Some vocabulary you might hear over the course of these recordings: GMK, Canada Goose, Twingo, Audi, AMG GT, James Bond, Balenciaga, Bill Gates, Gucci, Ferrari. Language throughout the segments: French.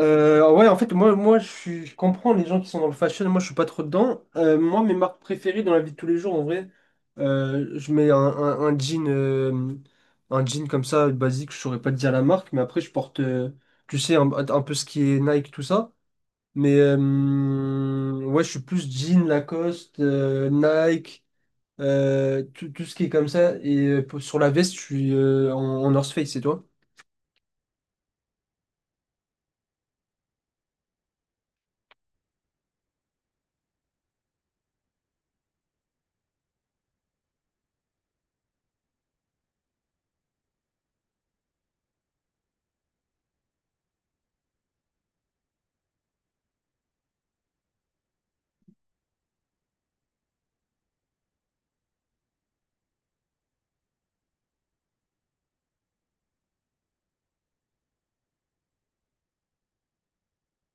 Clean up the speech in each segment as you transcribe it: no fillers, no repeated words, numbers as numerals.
Ouais, en fait, moi je comprends les gens qui sont dans le fashion, moi je suis pas trop dedans. Moi, mes marques préférées dans la vie de tous les jours, en vrai, je mets un jean, un jean comme ça, basique, je saurais pas te dire la marque, mais après je porte, tu sais, un peu ce qui est Nike, tout ça. Mais ouais, je suis plus jean, Lacoste, Nike, tout ce qui est comme ça. Et sur la veste, je suis en North Face, c'est toi?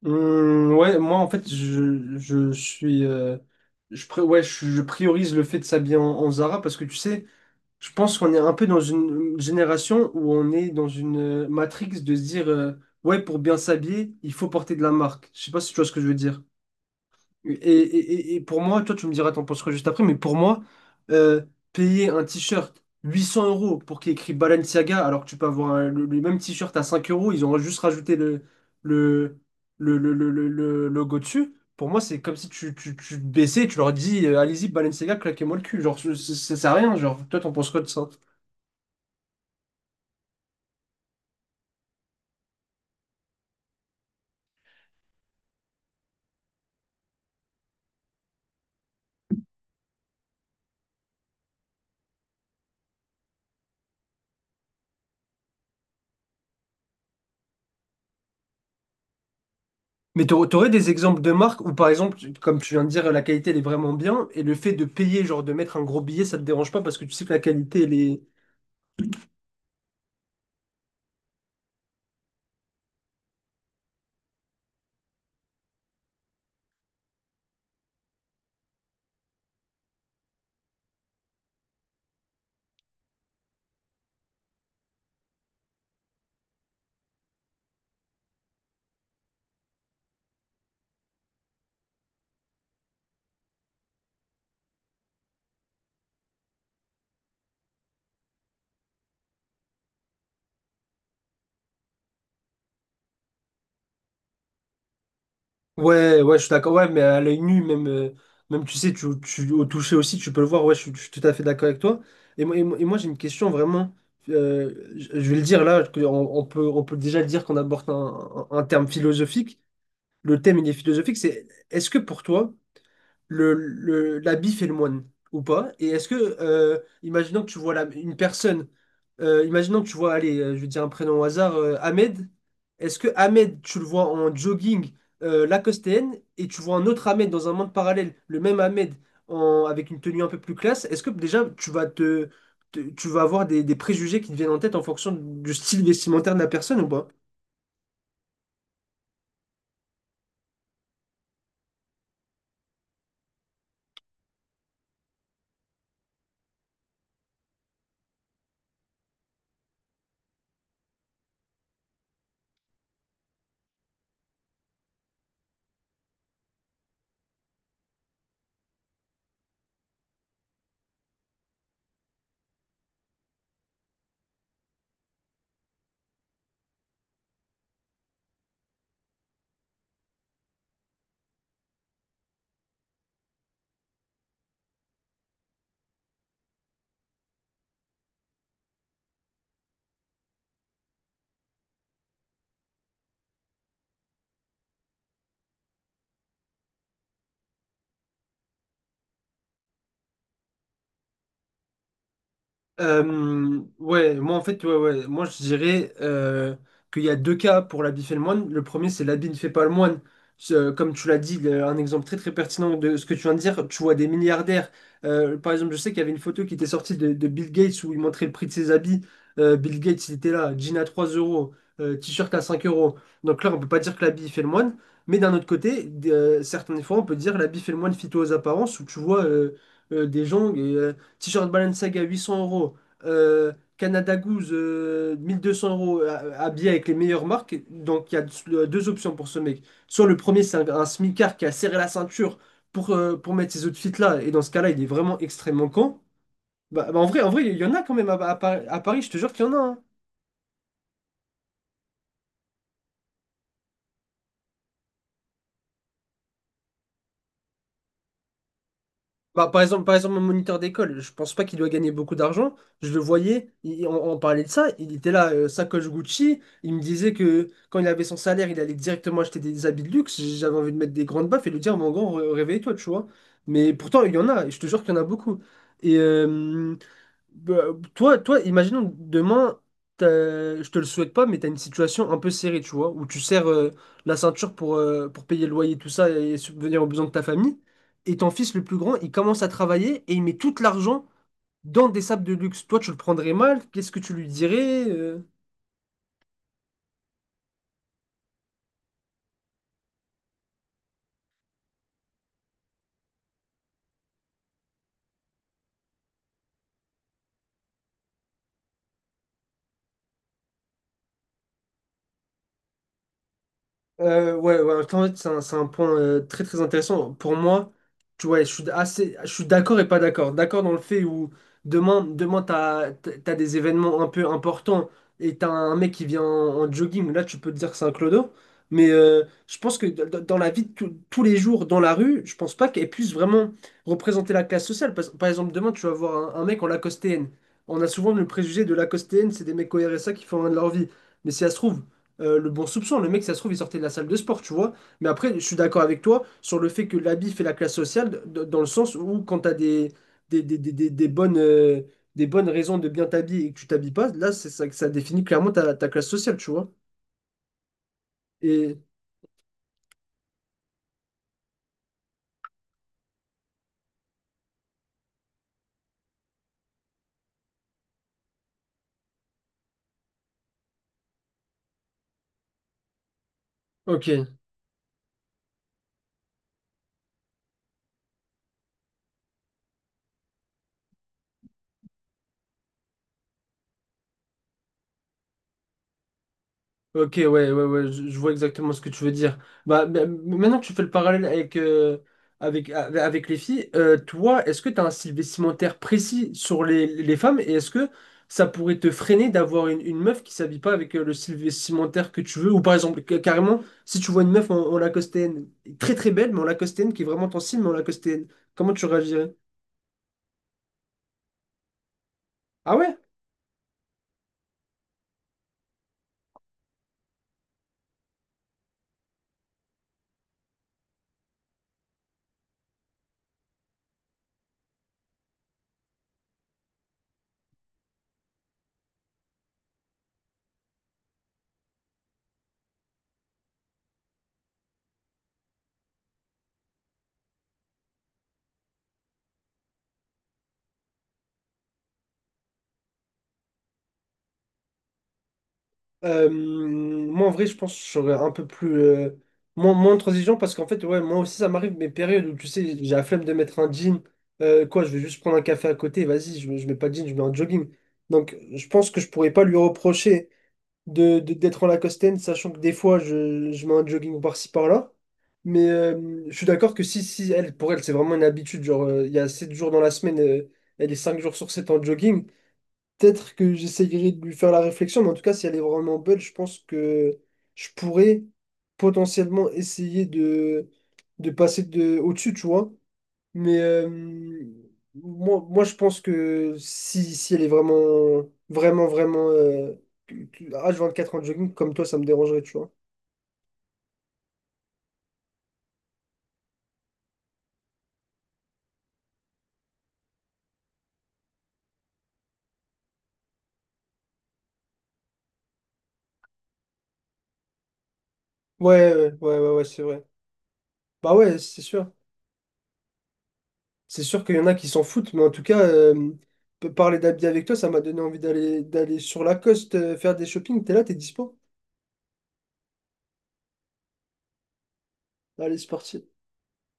Ouais, moi en fait, je suis. Ouais, je priorise le fait de s'habiller en Zara parce que tu sais. Je pense qu'on est un peu dans une génération où on est dans une, matrix de se dire, ouais, pour bien s'habiller, il faut porter de la marque. Je sais pas si tu vois ce que je veux dire. Et pour moi, toi, tu me diras, t'en penses quoi juste après, mais pour moi, euh, payer un t-shirt 800 euros pour qu'il y ait écrit Balenciaga, alors que tu peux avoir le même t-shirt à 5 euros, ils ont juste rajouté le, le logo dessus. Pour moi, c'est comme si tu te baissais et tu leur dis, allez-y, Balenciaga, claquez-moi le cul. Genre, ça sert à rien. Genre, toi, t'en penses quoi de ça? Mais tu aurais des exemples de marques où, par exemple, comme tu viens de dire, la qualité, elle est vraiment bien, et le fait de payer, genre de mettre un gros billet, ça te dérange pas parce que tu sais que la qualité, elle est... Ouais, ouais, je suis d'accord, ouais, mais à l'œil nu, même, même tu sais, au toucher aussi, tu peux le voir, ouais, je suis tout à fait d'accord avec toi. Et moi, j'ai une question vraiment, je vais le dire là, que on peut déjà le dire qu'on aborde un terme philosophique, le thème, il est philosophique, c'est, est-ce que pour toi, la bif et le moine ou pas? Et est-ce que, imaginons que tu vois une personne, imaginons que tu vois, allez, je vais dire un prénom au hasard, Ahmed, est-ce que Ahmed, tu le vois en jogging, lacostéenne et tu vois un autre Ahmed dans un monde parallèle, le même Ahmed avec une tenue un peu plus classe, est-ce que déjà tu vas tu vas avoir des préjugés qui te viennent en tête en fonction du style vestimentaire de la personne ou pas? Ouais, moi en fait, ouais, ouais, moi je dirais, qu'il y a deux cas pour l'habit fait le moine. Le premier, c'est l'habit ne fait pas le moine. Comme tu l'as dit, un exemple très très pertinent de ce que tu viens de dire, tu vois des milliardaires. Par exemple, je sais qu'il y avait une photo qui était sortie de Bill Gates où il montrait le prix de ses habits. Bill Gates, il était là, jean à 3 euros, t-shirt à 5 euros. Donc là, on peut pas dire que l'habit fait le moine. Mais d'un autre côté, certaines fois, on peut dire l'habit fait le moine fit aux apparences où tu vois, des gens. T-shirt Balenciaga 800 euros, Canada Goose, 1 200 euros, habillé avec les meilleures marques. Donc il y a deux options pour ce mec. Soit le premier, c'est un smicard qui a serré la ceinture pour mettre ces outfits-là, et dans ce cas-là, il est vraiment extrêmement con. Bah, en vrai, il y en a quand même à Paris, à Paris, je te jure qu'il y en a, hein. Bah, par exemple, mon moniteur d'école, je pense pas qu'il doit gagner beaucoup d'argent. Je le voyais, on parlait de ça, il était là, sacoche Gucci. Il me disait que quand il avait son salaire, il allait directement acheter des habits de luxe. J'avais envie de mettre des grandes baffes et lui dire, mon grand, réveille-toi, tu vois. Mais pourtant, il y en a, et je te jure qu'il y en a beaucoup. Et, bah, toi, imaginons demain, je te le souhaite pas, mais tu as une situation un peu serrée, tu vois, où tu serres, la ceinture pour payer le loyer, tout ça, et subvenir aux besoins de ta famille. Et ton fils le plus grand, il commence à travailler et il met tout l'argent dans des sables de luxe. Toi, tu le prendrais mal? Qu'est-ce que tu lui dirais? Ouais, ouais, en fait, c'est un point, très très intéressant. Pour moi, tu vois, je suis d'accord et pas d'accord. D'accord dans le fait où demain t'as des événements un peu importants et t'as un mec qui vient en jogging. Là, tu peux te dire que c'est un clodo. Mais je pense que dans la vie de tous les jours, dans la rue, je pense pas qu'elle puisse vraiment représenter la classe sociale. Par exemple, demain, tu vas voir un mec en lacostéenne. On a souvent le préjugé de lacostéenne, c'est des mecs au RSA qui font rien de leur vie. Mais si ça se trouve, le bon soupçon. Le mec, ça se trouve, il sortait de la salle de sport, tu vois. Mais après, je suis d'accord avec toi sur le fait que l'habit fait la classe sociale, dans le sens où quand tu as des, des, des, des- des bonnes, euh, des bonnes raisons de bien t'habiller et que tu t'habilles pas, là, c'est ça, que ça définit clairement ta classe sociale, tu vois. Et ok. Ok, ouais, ouais, ouais, je vois exactement ce que tu veux dire. Bah, maintenant que tu fais le parallèle avec, avec les filles, toi, est-ce que tu as un style vestimentaire précis sur les femmes et est-ce que ça pourrait te freiner d'avoir une meuf qui s'habille pas avec, le style vestimentaire que tu veux? Ou par exemple, carrément, si tu vois une meuf en lacostéenne, très très belle, mais en lacostéenne qui est vraiment ton style, mais en lacostéenne, comment tu réagirais? Ah ouais? Moi, en vrai, je pense que je serais un peu moins transigeant parce qu'en fait, ouais, moi aussi, ça m'arrive mes périodes où, tu sais, j'ai la flemme de mettre un jean. Quoi, je vais juste prendre un café à côté, vas-y, je mets pas de jean, je mets un jogging. Donc, je pense que je pourrais pas lui reprocher d'être en Lacoste, sachant que des fois, je mets un jogging par-ci, par-là. Mais je suis d'accord que si, si, elle, pour elle, c'est vraiment une habitude. Genre, il y a 7 jours dans la semaine, elle est 5 jours sur 7 en jogging. Peut-être que j'essayerai de lui faire la réflexion, mais en tout cas, si elle est vraiment belle, je pense que je pourrais potentiellement essayer de passer au-dessus, tu vois. Mais moi, je pense que si elle est vraiment, vraiment, vraiment, H24 en jogging, comme toi, ça me dérangerait, tu vois. Ouais, ouais, ouais, ouais, ouais, c'est vrai. Bah ouais, c'est sûr. C'est sûr qu'il y en a qui s'en foutent, mais en tout cas, parler d'habits avec toi, ça m'a donné envie d'aller sur la coste faire des shopping. T'es là, t'es dispo? Allez, c'est parti.